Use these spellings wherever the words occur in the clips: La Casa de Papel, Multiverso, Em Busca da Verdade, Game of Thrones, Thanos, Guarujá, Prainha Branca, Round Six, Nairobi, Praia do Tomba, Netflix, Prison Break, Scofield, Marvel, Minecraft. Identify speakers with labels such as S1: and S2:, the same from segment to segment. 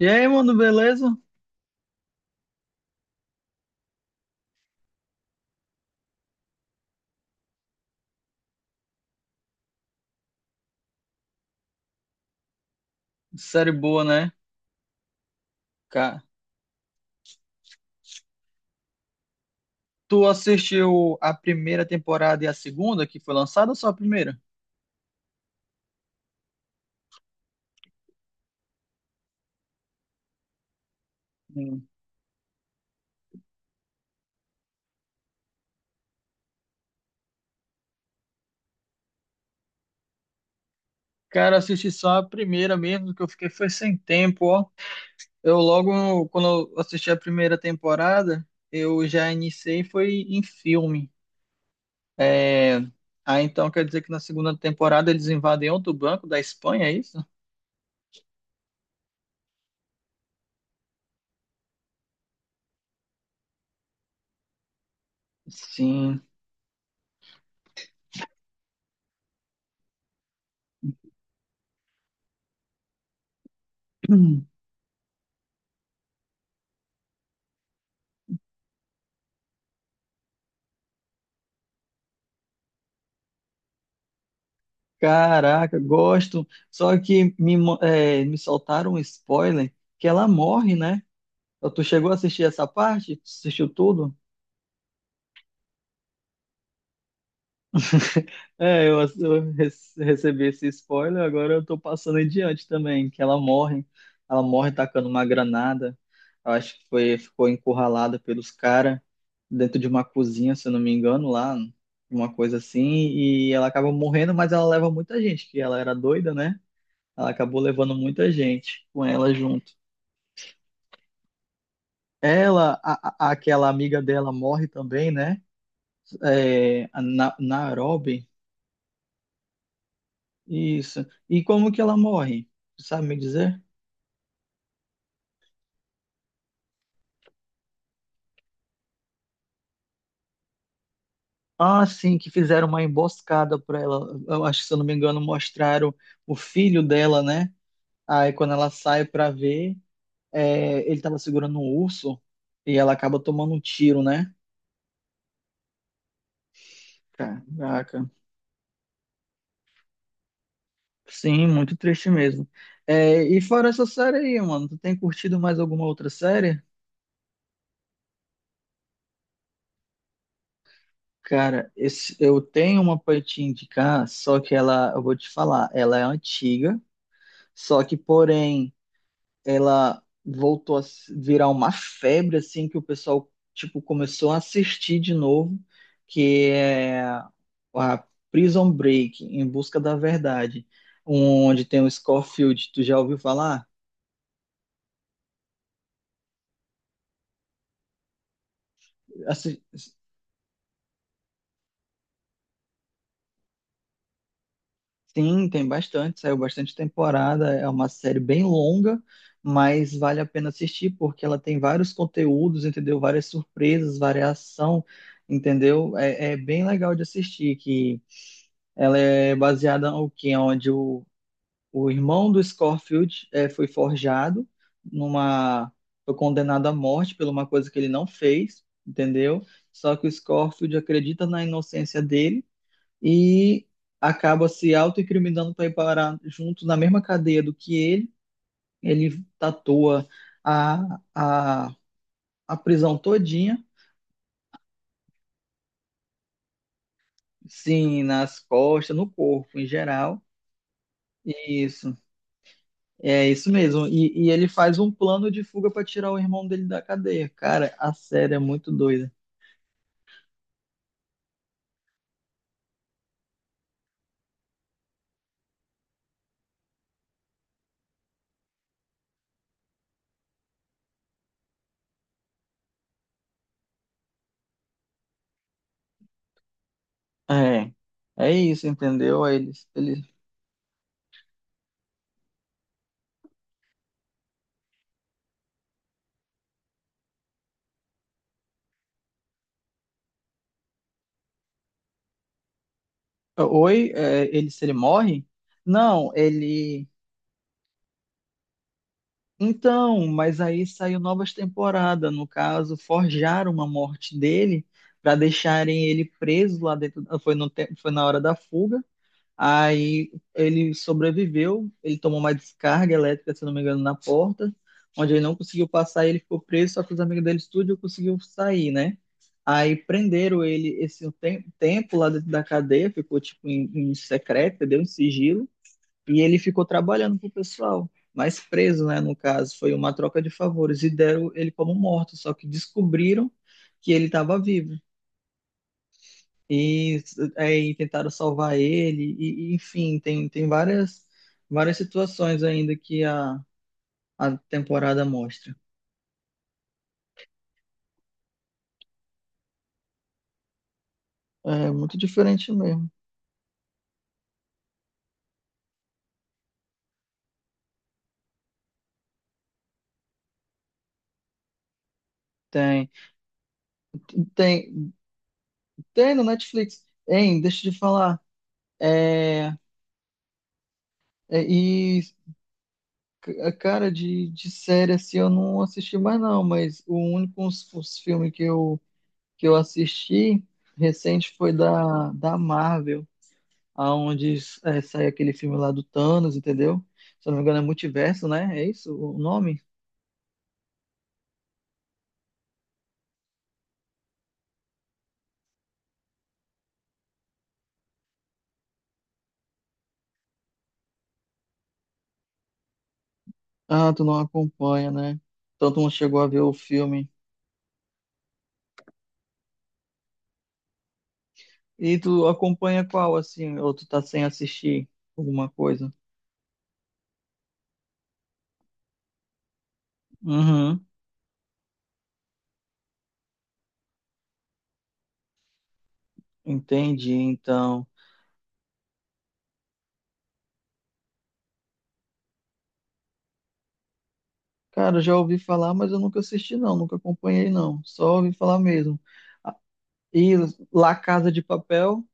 S1: E aí, mano, beleza? Série boa, né? Cara, tu assistiu a primeira temporada e a segunda que foi lançada ou só a primeira? Hum. Cara, assisti só a primeira mesmo, que eu fiquei foi sem tempo, ó. Eu logo, quando eu assisti a primeira temporada, eu já iniciei foi em filme. É... Ah, então quer dizer que na segunda temporada eles invadem outro banco da Espanha, é isso? Sim. Caraca, gosto. Só que me soltaram um spoiler que ela morre, né? Tu chegou a assistir essa parte? Tu assistiu tudo? É, eu recebi esse spoiler, agora eu tô passando em diante também, que ela morre. Ela morre tacando uma granada. Eu acho que foi, ficou encurralada pelos caras dentro de uma cozinha, se eu não me engano, lá, uma coisa assim, e ela acaba morrendo, mas ela leva muita gente, que ela era doida, né? Ela acabou levando muita gente com ela junto. Aquela amiga dela morre também, né? Nairobi. Isso. E como que ela morre? Sabe me dizer? Ah, sim, que fizeram uma emboscada para ela. Eu acho que, se eu não me engano, mostraram o filho dela, né? Aí quando ela sai para ver, ele tava segurando um urso e ela acaba tomando um tiro, né? Caraca. Sim, muito triste mesmo. É, e fora essa série aí, mano, tu tem curtido mais alguma outra série? Cara, eu tenho uma pra te indicar, só que ela, eu vou te falar, ela é antiga, só que, porém, ela voltou a virar uma febre, assim, que o pessoal, tipo, começou a assistir de novo, que é a Prison Break, Em Busca da Verdade, onde tem o Scofield, tu já ouviu falar? Sim, tem bastante, saiu bastante temporada. É uma série bem longa, mas vale a pena assistir porque ela tem vários conteúdos, entendeu? Várias surpresas, variação, entendeu? É, é bem legal de assistir, que ela é baseada no que onde o irmão do Scorfield foi forjado numa foi condenado à morte por uma coisa que ele não fez, entendeu? Só que o Scorfield acredita na inocência dele e acaba se autoincriminando para ir parar junto na mesma cadeia do que ele. Ele tatua a, a, a prisão todinha, sim, nas costas, no corpo em geral. Isso, é isso mesmo. E ele faz um plano de fuga para tirar o irmão dele da cadeia. Cara, a série é muito doida. É, é isso, entendeu? Ele, oi, é, ele, se ele morre? Não, ele... Então, mas aí saiu novas temporadas, no caso, forjaram uma morte dele para deixarem ele preso lá dentro. Ah, Foi, no, te- Foi na hora da fuga. Aí ele sobreviveu, ele tomou uma descarga elétrica, se não me engano, na porta, onde ele não conseguiu passar, ele ficou preso, só que os amigos dele tudo conseguiu sair, né? Aí prenderam ele esse tempo lá dentro da cadeia, ficou tipo em secreto, entendeu? Em sigilo. E ele ficou trabalhando pro pessoal, mas preso, né? No caso, foi uma troca de favores e deram ele como morto, só que descobriram que ele estava vivo e e tentaram salvar ele. Enfim, tem várias, várias situações ainda que a temporada mostra. É muito diferente mesmo. Tem, tem, Tem no Netflix. Hein, deixa eu te falar. É, é, e A Cara, de série assim eu não assisti mais não, mas os filme que eu assisti recente foi da Marvel, aonde sai aquele filme lá do Thanos, entendeu? Se eu não me engano é Multiverso, né? É isso o nome? Ah, tu não acompanha, né? Então tu não chegou a ver o filme. E tu acompanha qual, assim, ou tu tá sem assistir alguma coisa? Uhum, entendi, então. Cara, eu já ouvi falar, mas eu nunca assisti não, nunca acompanhei não, só ouvi falar mesmo. E La Casa de Papel,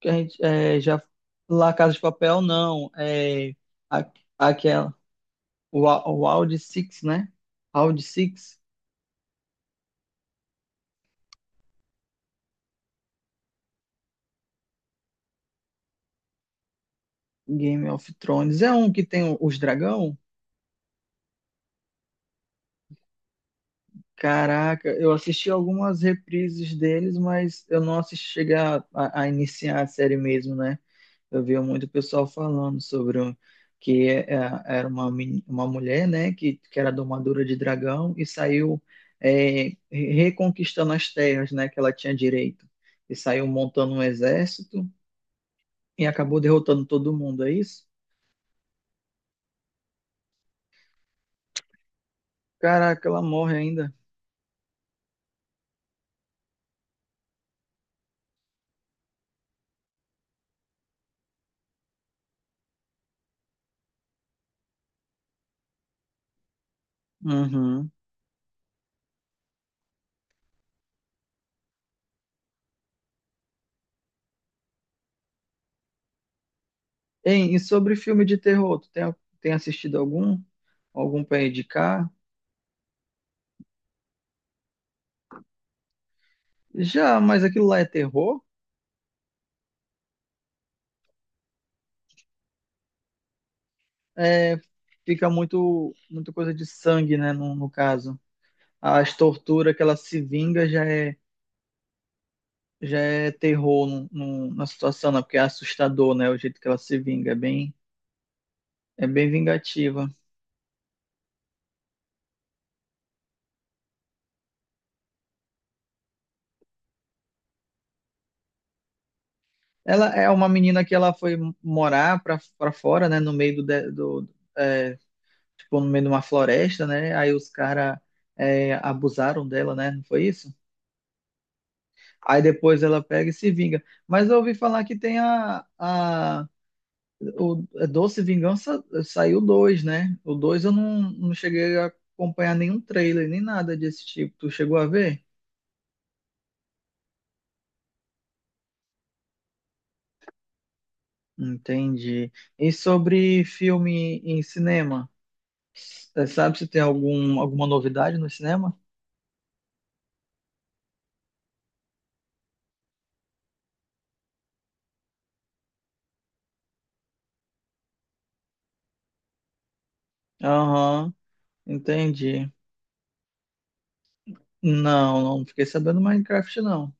S1: que a gente é, já... La Casa de Papel não, é a- aquela... o Round Six, né? Round Six, Game of Thrones é um que tem os dragão. Caraca, eu assisti algumas reprises deles, mas eu não assisti chegar a iniciar a série mesmo, né? Eu via muito pessoal falando sobre que é, era uma, uma mulher, né, que era domadora de dragão e saiu reconquistando as terras, né, que ela tinha direito. E saiu montando um exército e acabou derrotando todo mundo, é isso? Caraca, ela morre ainda. Uhum. Ei, e sobre filme de terror, tem assistido algum? Algum pra indicar? Já, mas aquilo lá é terror? É, fica muito, muita coisa de sangue, né, no caso. As torturas que ela se vinga já é terror na situação, né? Porque é assustador, né? O jeito que ela se vinga, é bem vingativa. Ela é uma menina que ela foi morar pra, pra fora, né? No meio do é, tipo, no meio de uma floresta, né? Aí os caras abusaram dela, né? Não foi isso? Aí depois ela pega e se vinga. Mas eu ouvi falar que tem a O a Doce Vingança saiu dois, né? O dois eu não cheguei a acompanhar nenhum trailer, nem nada desse tipo. Tu chegou a ver? Entendi. E sobre filme em cinema? Sabe se tem algum, alguma novidade no cinema? Aham, entendi. Não, não fiquei sabendo Minecraft, não.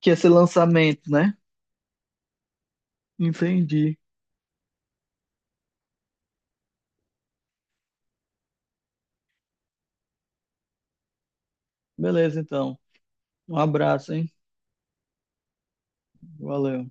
S1: Que esse lançamento, né? Entendi. Beleza, então. Um abraço, hein? Valeu.